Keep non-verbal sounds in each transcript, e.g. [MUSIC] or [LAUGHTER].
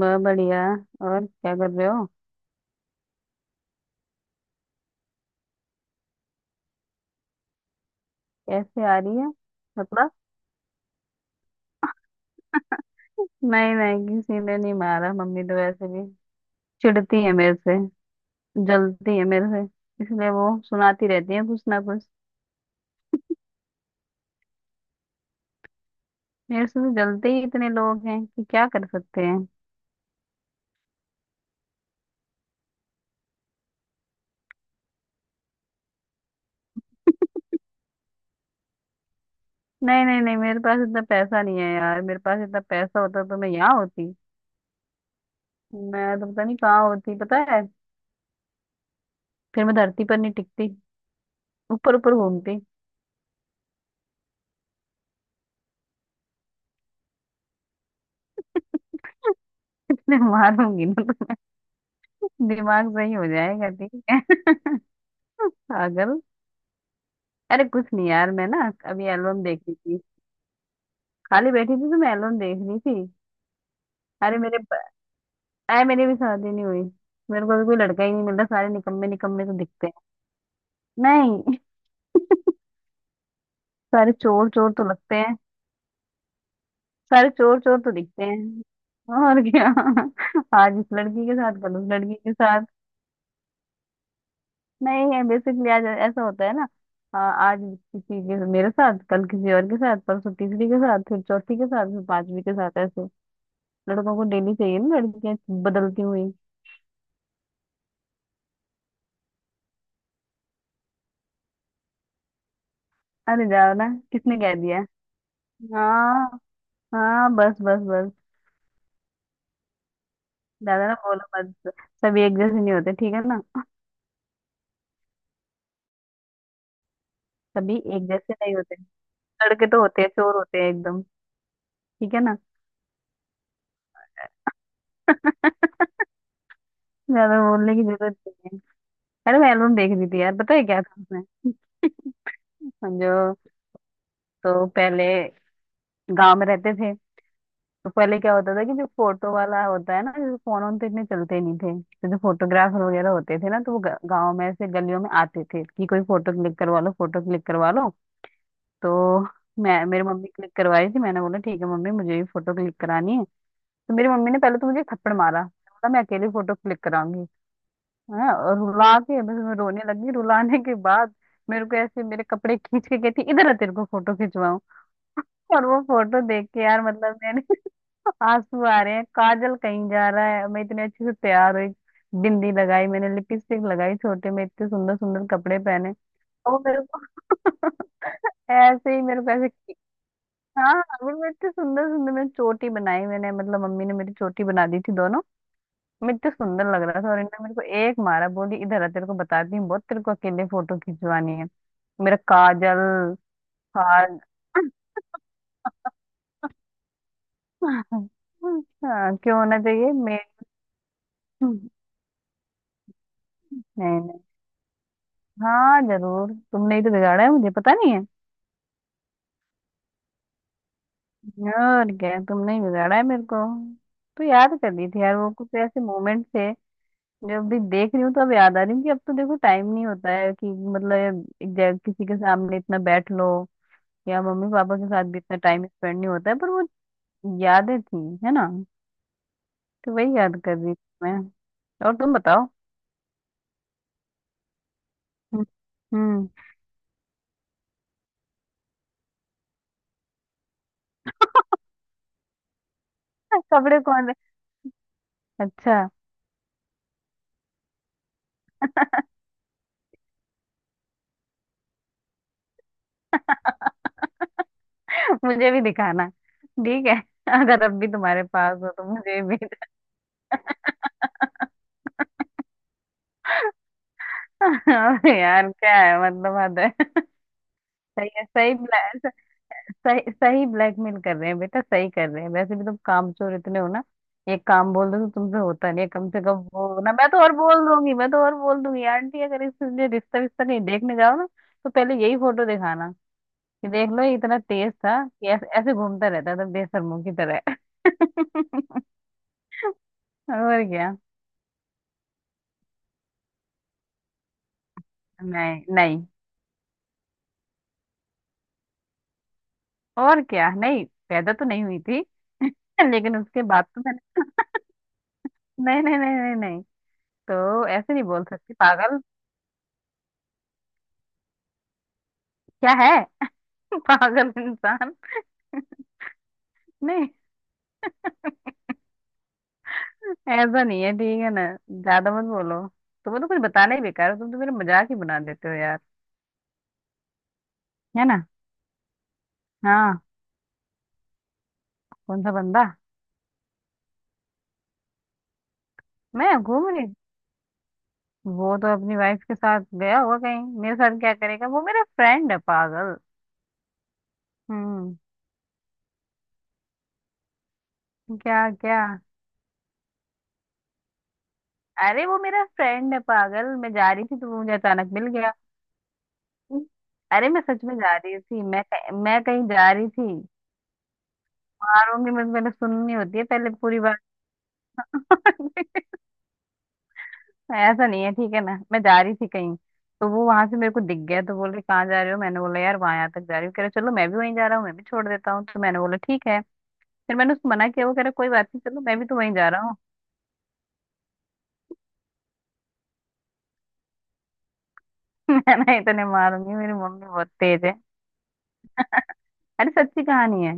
वह बढ़िया। और क्या कर रहे हो। कैसे आ रही है? मतलब। नहीं नहीं किसी ने नहीं मारा। मम्मी तो वैसे भी चिढ़ती है मेरे से। जलती है मेरे से। इसलिए वो सुनाती रहती है कुछ ना कुछ। मेरे से तो जलते ही इतने लोग हैं कि क्या कर सकते हैं। नहीं नहीं नहीं, मेरे पास इतना पैसा नहीं है यार। मेरे पास इतना पैसा होता तो मैं यहाँ होती। मैं तो पता नहीं कहाँ होती, पता है। फिर मैं धरती पर नहीं टिकती, ऊपर ऊपर घूमती। [LAUGHS] मारूंगी ना तो दिमाग सही हो जाएगा, ठीक है। [LAUGHS] पागल। अरे कुछ नहीं यार, मैं ना अभी एल्बम देख रही थी। खाली बैठी थी तो मैं एल्बम देख रही थी। अरे मेरे अरे मेरी भी शादी नहीं हुई। मेरे को अभी कोई लड़का ही नहीं मिल रहा, सारे निकम्मे निकम्मे तो दिखते हैं। नहीं। [LAUGHS] सारे चोर चोर तो लगते हैं। सारे चोर चोर तो दिखते हैं, और क्या। [LAUGHS] आज इस लड़की के साथ, कल उस लड़की के साथ। नहीं है, बेसिकली आज ऐसा होता है ना। आज किसी के मेरे साथ, कल किसी और के साथ, परसों तीसरी के साथ, फिर चौथी के साथ, फिर पांचवी के साथ, ऐसे लड़कों को डेली चाहिए ना लड़कियां बदलती हुई। अरे जाओ ना, किसने कह दिया। हाँ। हाँ बस बस बस। ज्यादा ना बोलो मत, सभी एक जैसे नहीं होते, ठीक है ना। सभी एक जैसे नहीं होते। लड़के तो होते हैं, चोर होते हैं एकदम, ठीक है ना। [LAUGHS] ज्यादा बोलने की जरूरत नहीं है। अरे मैं एल्बम देख रही थी यार, पता है क्या था उसमें। [LAUGHS] समझो, तो पहले गांव में रहते थे। तो पहले क्या होता था कि जो फोटो वाला होता है ना, जैसे फोन वोन तो इतने चलते नहीं थे, तो जो फोटोग्राफर वगैरह होते थे ना, तो वो गांव में ऐसे गलियों में आते थे कि कोई फोटो क्लिक करवा लो, फोटो क्लिक करवा लो। तो मैं मेरे मम्मी क्लिक करवा रही थी, मैंने बोला ठीक है मम्मी मुझे भी फोटो क्लिक करानी है। तो मेरी मम्मी ने पहले तो मुझे थप्पड़ मारा। मैंने बोला मैं अकेली फोटो क्लिक कराऊंगी। हाँ, और रुला के बस, मैं रोने लगी। रुलाने के बाद मेरे को ऐसे मेरे कपड़े खींच के कहती, इधर आ तेरे को फोटो खिंचवाऊं। [LAUGHS] और वो फोटो देख के यार, मतलब मैंने [LAUGHS] आंसू आ रहे हैं, काजल कहीं जा रहा है, मैं इतने अच्छे से तैयार हुई। बिंदी लगाई मैंने, लिपस्टिक लगाई, छोटे में इतने सुंदर सुंदर कपड़े पहने। और वो मेरे को [LAUGHS] ऐसे ही, मेरे को ऐसे। हाँ अभी मैं इतने सुंदर सुंदर, मैं चोटी बनाई मैंने, मतलब मम्मी ने मेरी चोटी बना दी थी दोनों। मैं इतने सुंदर लग रहा था, और इन्होंने मेरे को एक मारा, बोली इधर आ तेरे को बताती हूँ, बहुत तेरे को अकेले फोटो खिंचवानी है, मेरा काजल हार। [LAUGHS] हाँ, क्यों होना चाहिए मैं? नहीं नहीं। हाँ जरूर, तुमने ही तो बिगाड़ा है मुझे, पता नहीं है, और क्या, तुमने ही बिगाड़ा है मेरे को। तो याद कर दी थी यार, वो कुछ ऐसे मोमेंट थे, जब भी देख रही हूँ तो अब याद आ रही हूँ कि अब तो देखो टाइम नहीं होता है कि मतलब एक जगह किसी के सामने इतना बैठ लो, या मम्मी पापा के साथ भी इतना टाइम स्पेंड नहीं होता है, पर वो यादें थी, है ना। तो वही याद कर रही थी मैं। और तुम बताओ। हम्म। हम्म। [LAUGHS] कपड़े कौन से- अच्छा। [LAUGHS] मुझे भी दिखाना, ठीक है। [LAUGHS] अगर अब भी तुम्हारे पास हो तो मुझे भी। [LAUGHS] अरे यार क्या है, मतलब हद है। [LAUGHS] सही है, सही सही। सही ब्लैकमेल कर रहे हैं बेटा, सही कर रहे हैं। वैसे भी तुम कामचोर इतने हो ना, एक काम बोल दो तो तुमसे होता नहीं है, कम से कम वो ना, मैं तो और बोल दूंगी, मैं तो और बोल दूंगी आंटी, अगर इसलिए रिश्ता विश्ता कहीं देखने जाओ ना, तो पहले यही फोटो दिखाना कि देख लो ये इतना तेज था कि ऐसे ऐसे घूमता रहता था बेशर्मों की तरह। [LAUGHS] और क्या। नहीं नहीं, और क्या नहीं पैदा तो नहीं हुई थी। [LAUGHS] लेकिन उसके बाद तो मैंने नहीं नहीं नहीं नहीं नहीं। तो ऐसे नहीं बोल सकती पागल। क्या है। [LAUGHS] पागल इंसान। नहीं ऐसा नहीं है, ठीक है ना। ज्यादा मत बोलो। तुम्हें तो कुछ बताना ही बेकार है, तुम तो मेरा मजाक ही बना देते हो यार, है ना। हाँ। कौन सा बंदा? मैं घूम रही। वो तो अपनी वाइफ के साथ गया होगा कहीं, मेरे साथ क्या करेगा, वो मेरा फ्रेंड है पागल। हम्म। क्या क्या? अरे वो मेरा फ्रेंड है पागल, मैं जा रही थी तो वो मुझे अचानक मिल गया। अरे मैं सच में जा रही थी, मैं कहीं जा रही थी। मारूंगी मैं, पहले सुननी होती है पहले पूरी बात। [LAUGHS] ऐसा नहीं है ठीक है ना, मैं जा रही थी कहीं, तो वो वहां से मेरे को दिख गया, तो बोले कहाँ जा रहे हो, मैंने बोला यार वहां, यहाँ तक जा रही हूँ, कह रहे चलो मैं भी वहीं जा रहा हूँ, मैं भी छोड़ देता हूँ, तो मैंने बोला ठीक है। फिर मैंने उसको मना किया, वो कह रहा कोई बात नहीं चलो, मैं भी तो वहीं जा रहा हूँ। [LAUGHS] मैंने इतने मारूंगी, मेरी मम्मी बहुत तेज है। अरे सच्ची कहानी है,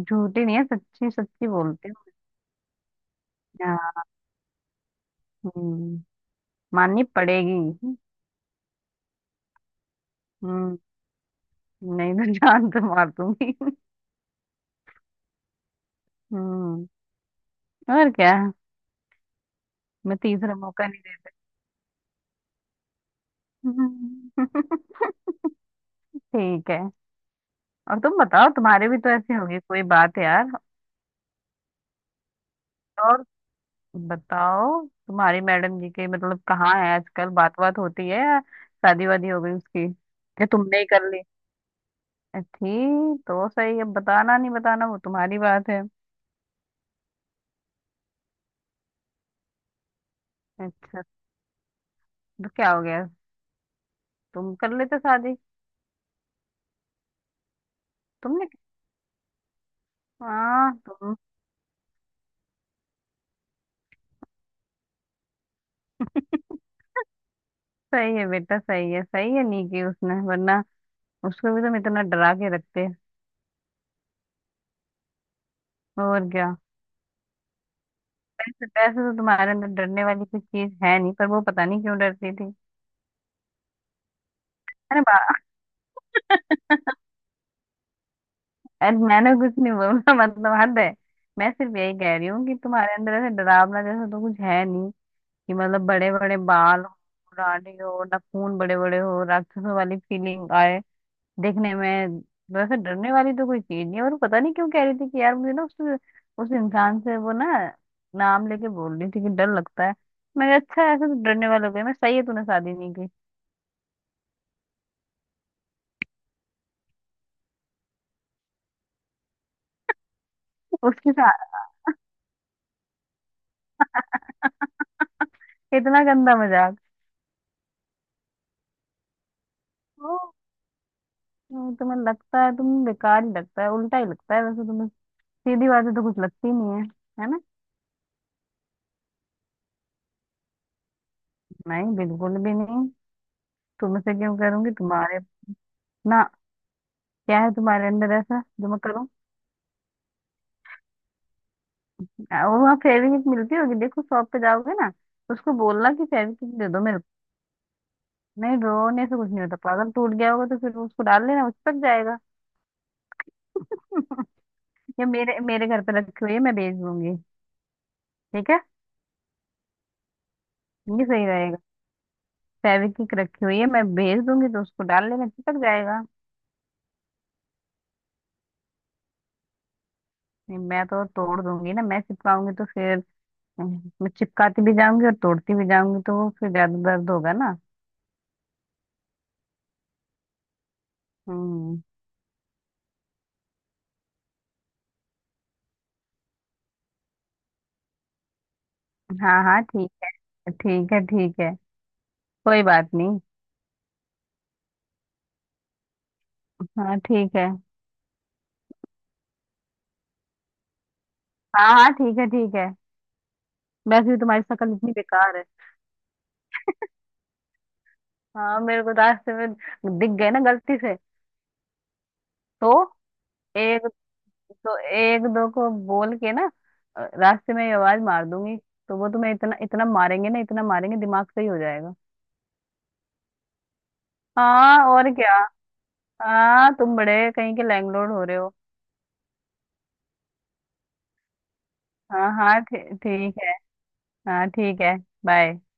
झूठी नहीं है, सच्ची सच्ची बोलते हो। हाँ। हम्म, माननी पड़ेगी। हम्म। नहीं तो जान तो मार दूंगी। हम्म, और क्या। मैं तीसरा मौका नहीं देता। [LAUGHS] हम्म, ठीक है। और तुम बताओ, तुम्हारे भी तो ऐसे होगी कोई बात यार। और बताओ तुम्हारी मैडम जी के, मतलब कहाँ है आजकल, बात बात होती है या शादी वादी हो गई उसकी, या तुमने ही कर ली? ठीक तो सही है, बताना नहीं बताना वो तुम्हारी बात है। अच्छा। तो क्या हो गया, तुम कर लेते शादी। तुमने। हाँ तुम। सही है बेटा, सही है, सही है, नहीं की उसने वरना उसको भी तुम इतना डरा के रखते, और क्या। पैसे, पैसे तो तुम्हारे अंदर डरने वाली कोई चीज है नहीं, पर वो पता नहीं क्यों डरती थी। अरे बा [LAUGHS] अरे मैंने कुछ नहीं बोला, मतलब हद है। मैं सिर्फ यही कह रही हूँ कि तुम्हारे अंदर ऐसे डरावना जैसा तो कुछ है नहीं, कि मतलब बड़े बड़े बाल हो, दाढ़ी हो, नाखून बड़े बड़े हो, राक्षसों वाली फीलिंग आए देखने में। वैसे डरने वाली तो कोई चीज नहीं है, और पता नहीं क्यों कह रही थी कि यार मुझे ना उस इंसान से वो ना, नाम लेके बोल रही थी कि डर लगता है। मैंने अच्छा, ऐसे तो डरने वाले हो गए, मैं सही है तूने शादी नहीं की उसके साथ। [LAUGHS] इतना गंदा मजाक। नहीं, तुम्हें लगता है तुम्हें बेकार ही लगता है, उल्टा ही लगता है वैसे तुम्हें, सीधी बातें तो कुछ लगती नहीं है, है ना। नहीं बिल्कुल भी नहीं, तुमसे क्यों करूंगी तुम्हारे। ना, क्या है तुम्हारे अंदर ऐसा जो मैं करूँ। और वहाँ फेविक्विक मिलती होगी, देखो शॉप पे जाओगे ना, उसको बोलना कि फेविक्विक दे दो मेरे को। नहीं रोने से कुछ नहीं होता पागल, टूट गया होगा तो फिर उसको डाल लेना, उस तक जाएगा। या मेरे मेरे घर पे रखी हुई है, मैं भेज दूंगी, ठीक है। ये सही रहेगा, फेविक्विक रखी हुई है, मैं भेज दूंगी तो उसको डाल लेना चिपक जाएगा। नहीं मैं तो तोड़ दूंगी ना, मैं चिपकाऊंगी तो फिर, मैं चिपकाती भी जाऊंगी और तोड़ती भी जाऊंगी, तो वो फिर ज्यादा दर्द होगा ना। हम्म। हाँ हाँ ठीक है, ठीक है, ठीक है, कोई बात नहीं। हाँ ठीक है। हाँ हाँ ठीक है, ठीक है। वैसे भी तुम्हारी शक्ल इतनी बेकार है। हाँ मेरे को रास्ते में दिख गए ना गलती से, तो एक, तो एक दो को बोल के ना, रास्ते में ये आवाज मार दूंगी, तो वो तुम्हें इतना इतना मारेंगे ना, इतना मारेंगे दिमाग सही हो जाएगा। हाँ और क्या। हाँ तुम बड़े कहीं के लैंडलॉर्ड हो रहे हो। हाँ हाँ ठीक है। हाँ ठीक है। बाय।